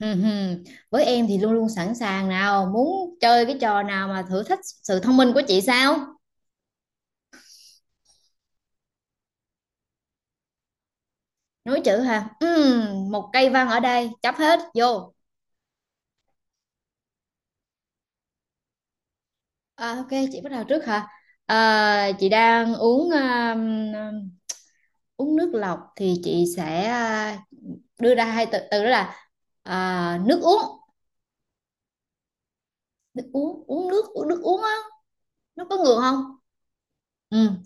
Ừ, hừ. Với em thì luôn luôn sẵn sàng, nào muốn chơi cái trò nào mà thử thách sự thông minh của chị sao? Nối chữ hả? Ừ, một cây văn ở đây chấp hết vô. À, ok, chị bắt đầu trước hả? À, chị đang uống, à, uống nước lọc thì chị sẽ, à, đưa ra hai từ, từ đó là, à, nước uống. Nước uống, uống nước, uống nước uống á. Nó có ngược không? Ừ.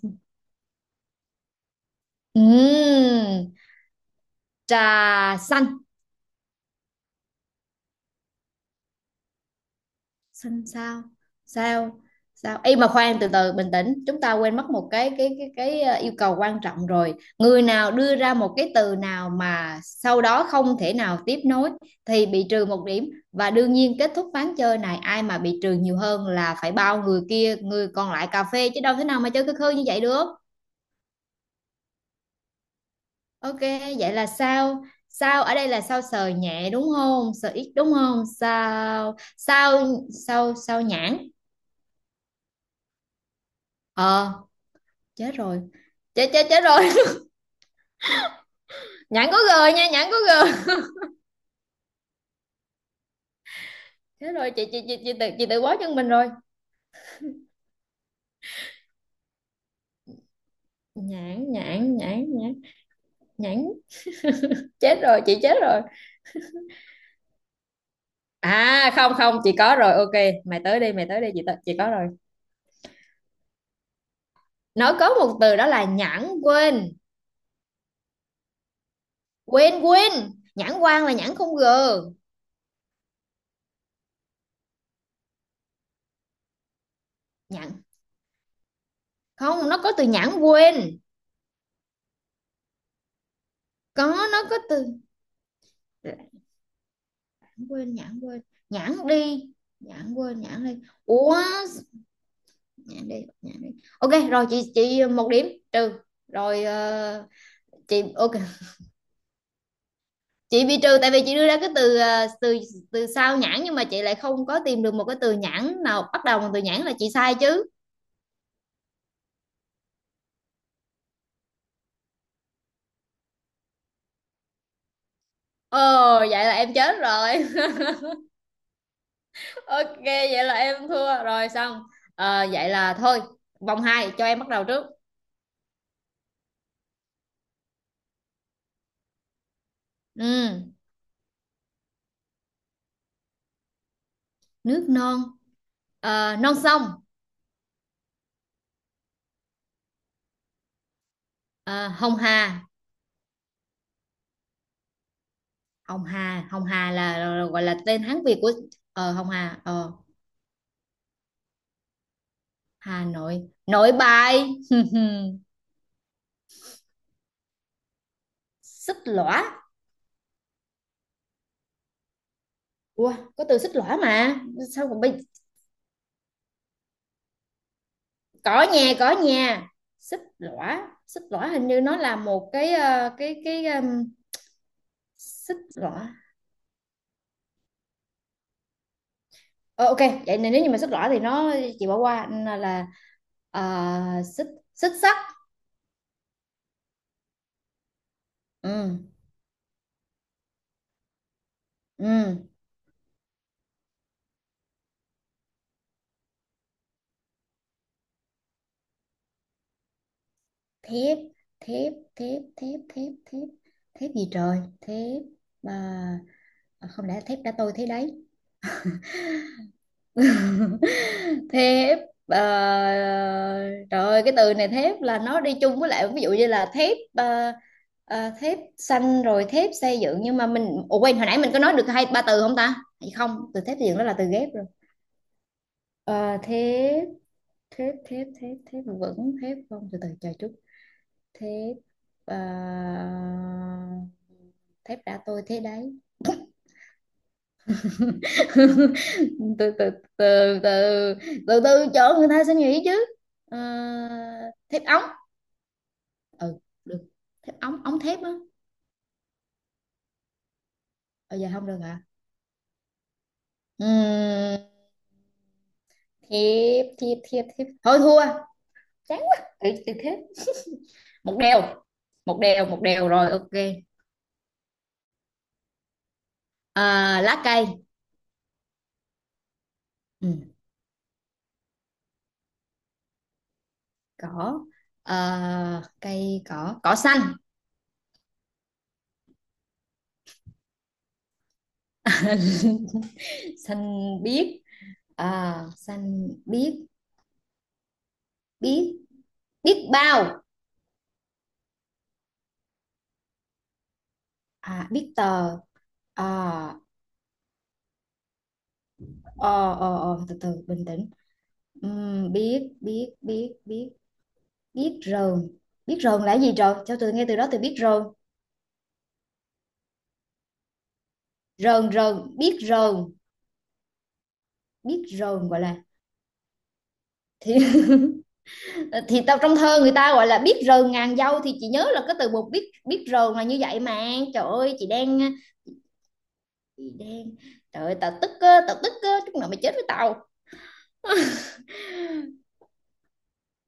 Ừ, trà xanh. Xanh sao? Sao sao. Ê mà khoan, từ từ bình tĩnh, chúng ta quên mất một cái yêu cầu quan trọng, rồi người nào đưa ra một cái từ nào mà sau đó không thể nào tiếp nối thì bị trừ một điểm, và đương nhiên kết thúc ván chơi này. Ai mà bị trừ nhiều hơn là phải bao người kia, người còn lại cà phê, chứ đâu thế nào mà chơi cơ khơi như vậy được. Ok, vậy là sao? Sao ở đây là sao, sờ nhẹ đúng không, sờ ít đúng không. Sao, sao, sao. Sao nhãn. Ờ, chết rồi, chết chết chết rồi. Nhãn có g nha, nhãn có g. Chết rồi, chị tự bó chân mình rồi. Nhãn, nhãn, nhãn, nhãn, nhãn. Chết rồi, chị chết rồi. À, không, không, chị có rồi, ok. Mày tới đi, mày tới đi. Chị có rồi. Nó có một từ đó là nhãn quên, quên, quên. Nhãn quan là nhãn không g. Nhãn không, nó có từ nhãn quên. Có, nó có từ nhãn quên, nhãn quên. Nhãn đi, nhãn quên, nhãn đi. Ủa, nhãn đi, bật nhãn đi. Ok rồi, chị một điểm trừ rồi. Ờ, chị ok, chị bị trừ tại vì chị đưa ra cái từ ờ, từ từ sau nhãn, nhưng mà chị lại không có tìm được một cái từ nhãn nào bắt đầu bằng từ nhãn là chị sai chứ. Ồ, vậy là em chết rồi. Ok, vậy là em thua rồi xong. Ờ, vậy là thôi, vòng 2 cho em bắt đầu trước. Ừ, nước non. Ờ, non sông. Ờ, hồng hà, hồng hà. Hồng hà là gọi là tên Hán Việt của, hồng hà. Ờ, Hà Nội. Nội Bài. Xích lõa. Ủa có từ xích lõa mà sao còn bây? Có nhà, có nhà. Xích lõa, xích lõa hình như nó là một cái xích lõa. Ờ, ok, vậy nên nếu như mà xích lõa thì nó, chị bỏ qua là xích xích sắt. Ừ, ừ. Thép, thép, thép, thép, thép, thép, thép gì trời. Thép. À, à, không lẽ thép đã tôi thế đấy. Thép, ờ, trời ơi, cái từ này thép là nó đi chung với lại, ví dụ như là thép, thép xanh rồi thép xây dựng, nhưng mà mình, ủa quên, hồi nãy mình có nói được hai ba từ không ta? Hay không, từ thép xây dựng đó là từ ghép rồi. Ờ, thép, thép, thép, thép, thép, vẫn thép không? Từ từ chờ chút. Thép, ờ, thép đã tôi thế đấy. Từ từ, từ từ, từ từ, chỗ người ta sẽ nghĩ chứ. Ờ, thép ống. Ừ, được. Thép ống, ống thép á. Ờ Giờ không được hả? Ừm, Thiếp, thiếp, thiếp, thiếp, thôi thua. Chán quá, từ từ, thiếp. 1-1, một đều, một đều rồi, ok. À, lá cây. Ừ, cỏ. Ờ, cây cỏ. Cỏ xanh. Xanh biếc. À, xanh biếc. Biếc, biếc bao. À, biết tờ. À, ờ, từ từ, bình tĩnh. Biết, biết, biết, biết, biết rờn. Biết rờn là cái gì trời? Cho từ nghe từ đó, từ biết rờn. Rờn, rờn, biết rờn. Biết rờn gọi là. Thì, thì tao, trong thơ người ta gọi là biết rờn ngàn dâu, thì chị nhớ là cái từ một biết biết rờn là như vậy mà. Trời ơi, chị đang trời ơi, tao tức á, chút nào mày chết với tao.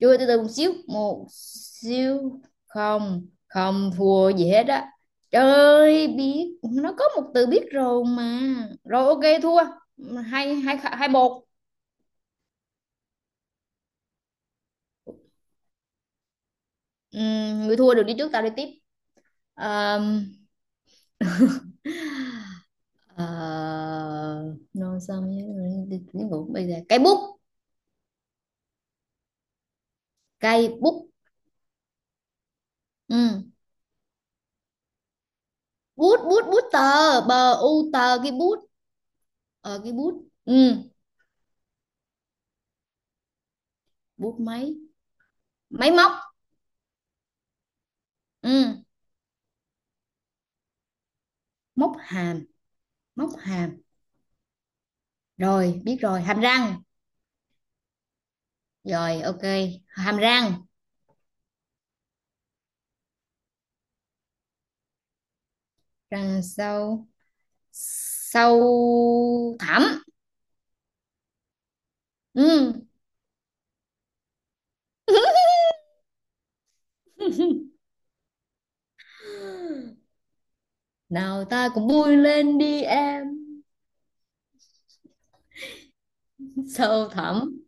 Chui, từ từ một xíu. Một xíu. Không, không thua gì hết á. Trời. Biết. Nó có một từ biết rồi mà. Rồi ok, thua. Hai, hai, hai một. Người thua được đi trước, tao đi tiếp. Ờm, ờ, Nói sao tiếng Ngữ bây giờ. Cây bút. Cây bút. Ừ. Bút, bút, bút tờ, bờ u tờ, cái bút. Ờ, cái bút. Ừ. Bút máy. Máy móc. Ừ. Móc hàm. Móc hàm. Rồi biết rồi, hàm răng. Rồi ok, hàm răng. Răng sâu. Sâu thẳm. Ừ. Nào ta cùng vui lên đi em. Sâu thẳm.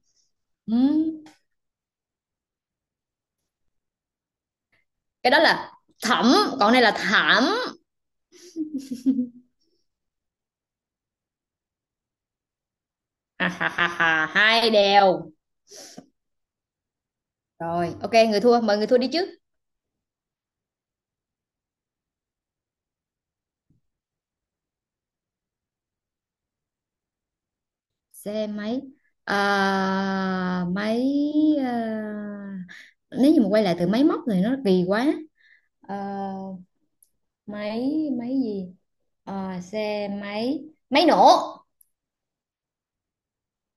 Ừ. Cái đó là thẳm, còn đây là thảm. À, ha, ha, ha, 2-2. Rồi ok, người thua, mời người thua đi chứ. Xe máy. À, máy, à, nếu như mà quay lại từ máy móc thì nó kỳ quá. À, máy, máy gì? Ờ, xe máy. Máy nổ.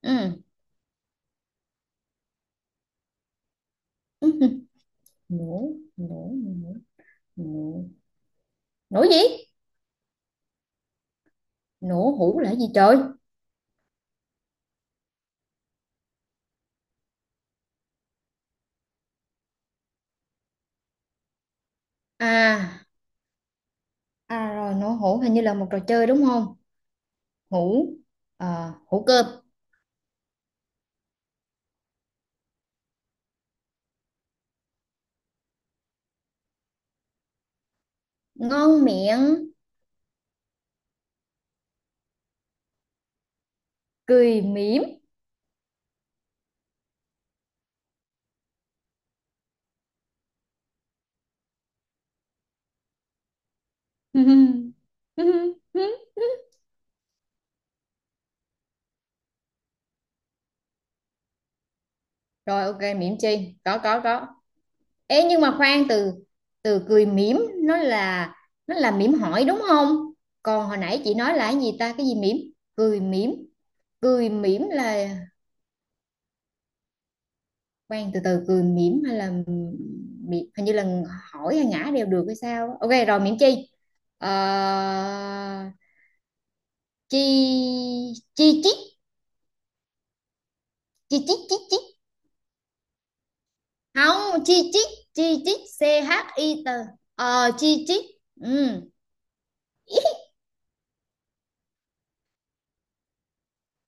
Ừ. Nổ, nổ, nổ, nổ. Nổ gì? Nổ hũ là gì trời? À à rồi, nổ hũ hình như là một trò chơi đúng không? Hũ. Ờ, hũ cơm. Ngon miệng. Cười mỉm. Rồi ok, mỉm chi có, có, có. Ê nhưng mà khoan, từ từ, cười mỉm nó là, mỉm hỏi đúng không? Còn hồi nãy chị nói là cái gì ta, cái gì mỉm? Cười mỉm. Cười mỉm là, khoan, từ từ cười mỉm hay là mỉm, hình như là hỏi hay ngã đều được hay sao? Á. Ok rồi, mỉm chi? Ờ, chi. Chi chít, chi chít, chi chít. Không, chi chít, chi chít, chit. Chi chít. Ừ.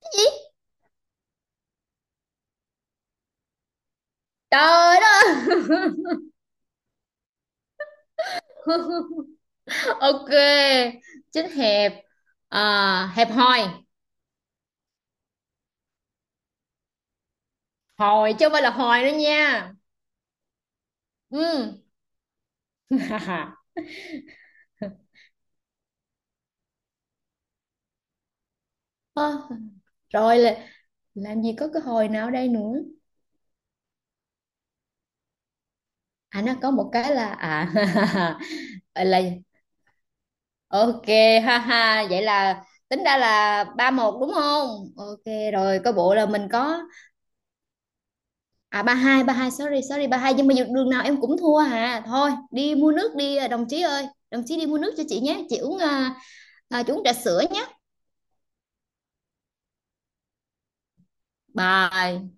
Cái gì? Trời đất ơi! Ok, chích hẹp. À, hẹp hòi. Hòi chứ không phải là hồi nữa nha. Ừ. Ơ, rồi là làm gì có cái hồi nào ở đây nữa. À, nó có một cái là, à, là, ok. Ha ha, vậy là tính ra là 3-1 đúng không? Ok rồi, coi bộ là mình có, à, 3-2, ba hai, sorry, sorry, ba hai, nhưng mà dù đường nào em cũng thua hả. Thôi đi mua nước đi, à, đồng chí ơi. Đồng chí đi mua nước cho chị nhé, chị uống, à, chị uống trà sữa nhé. Bye.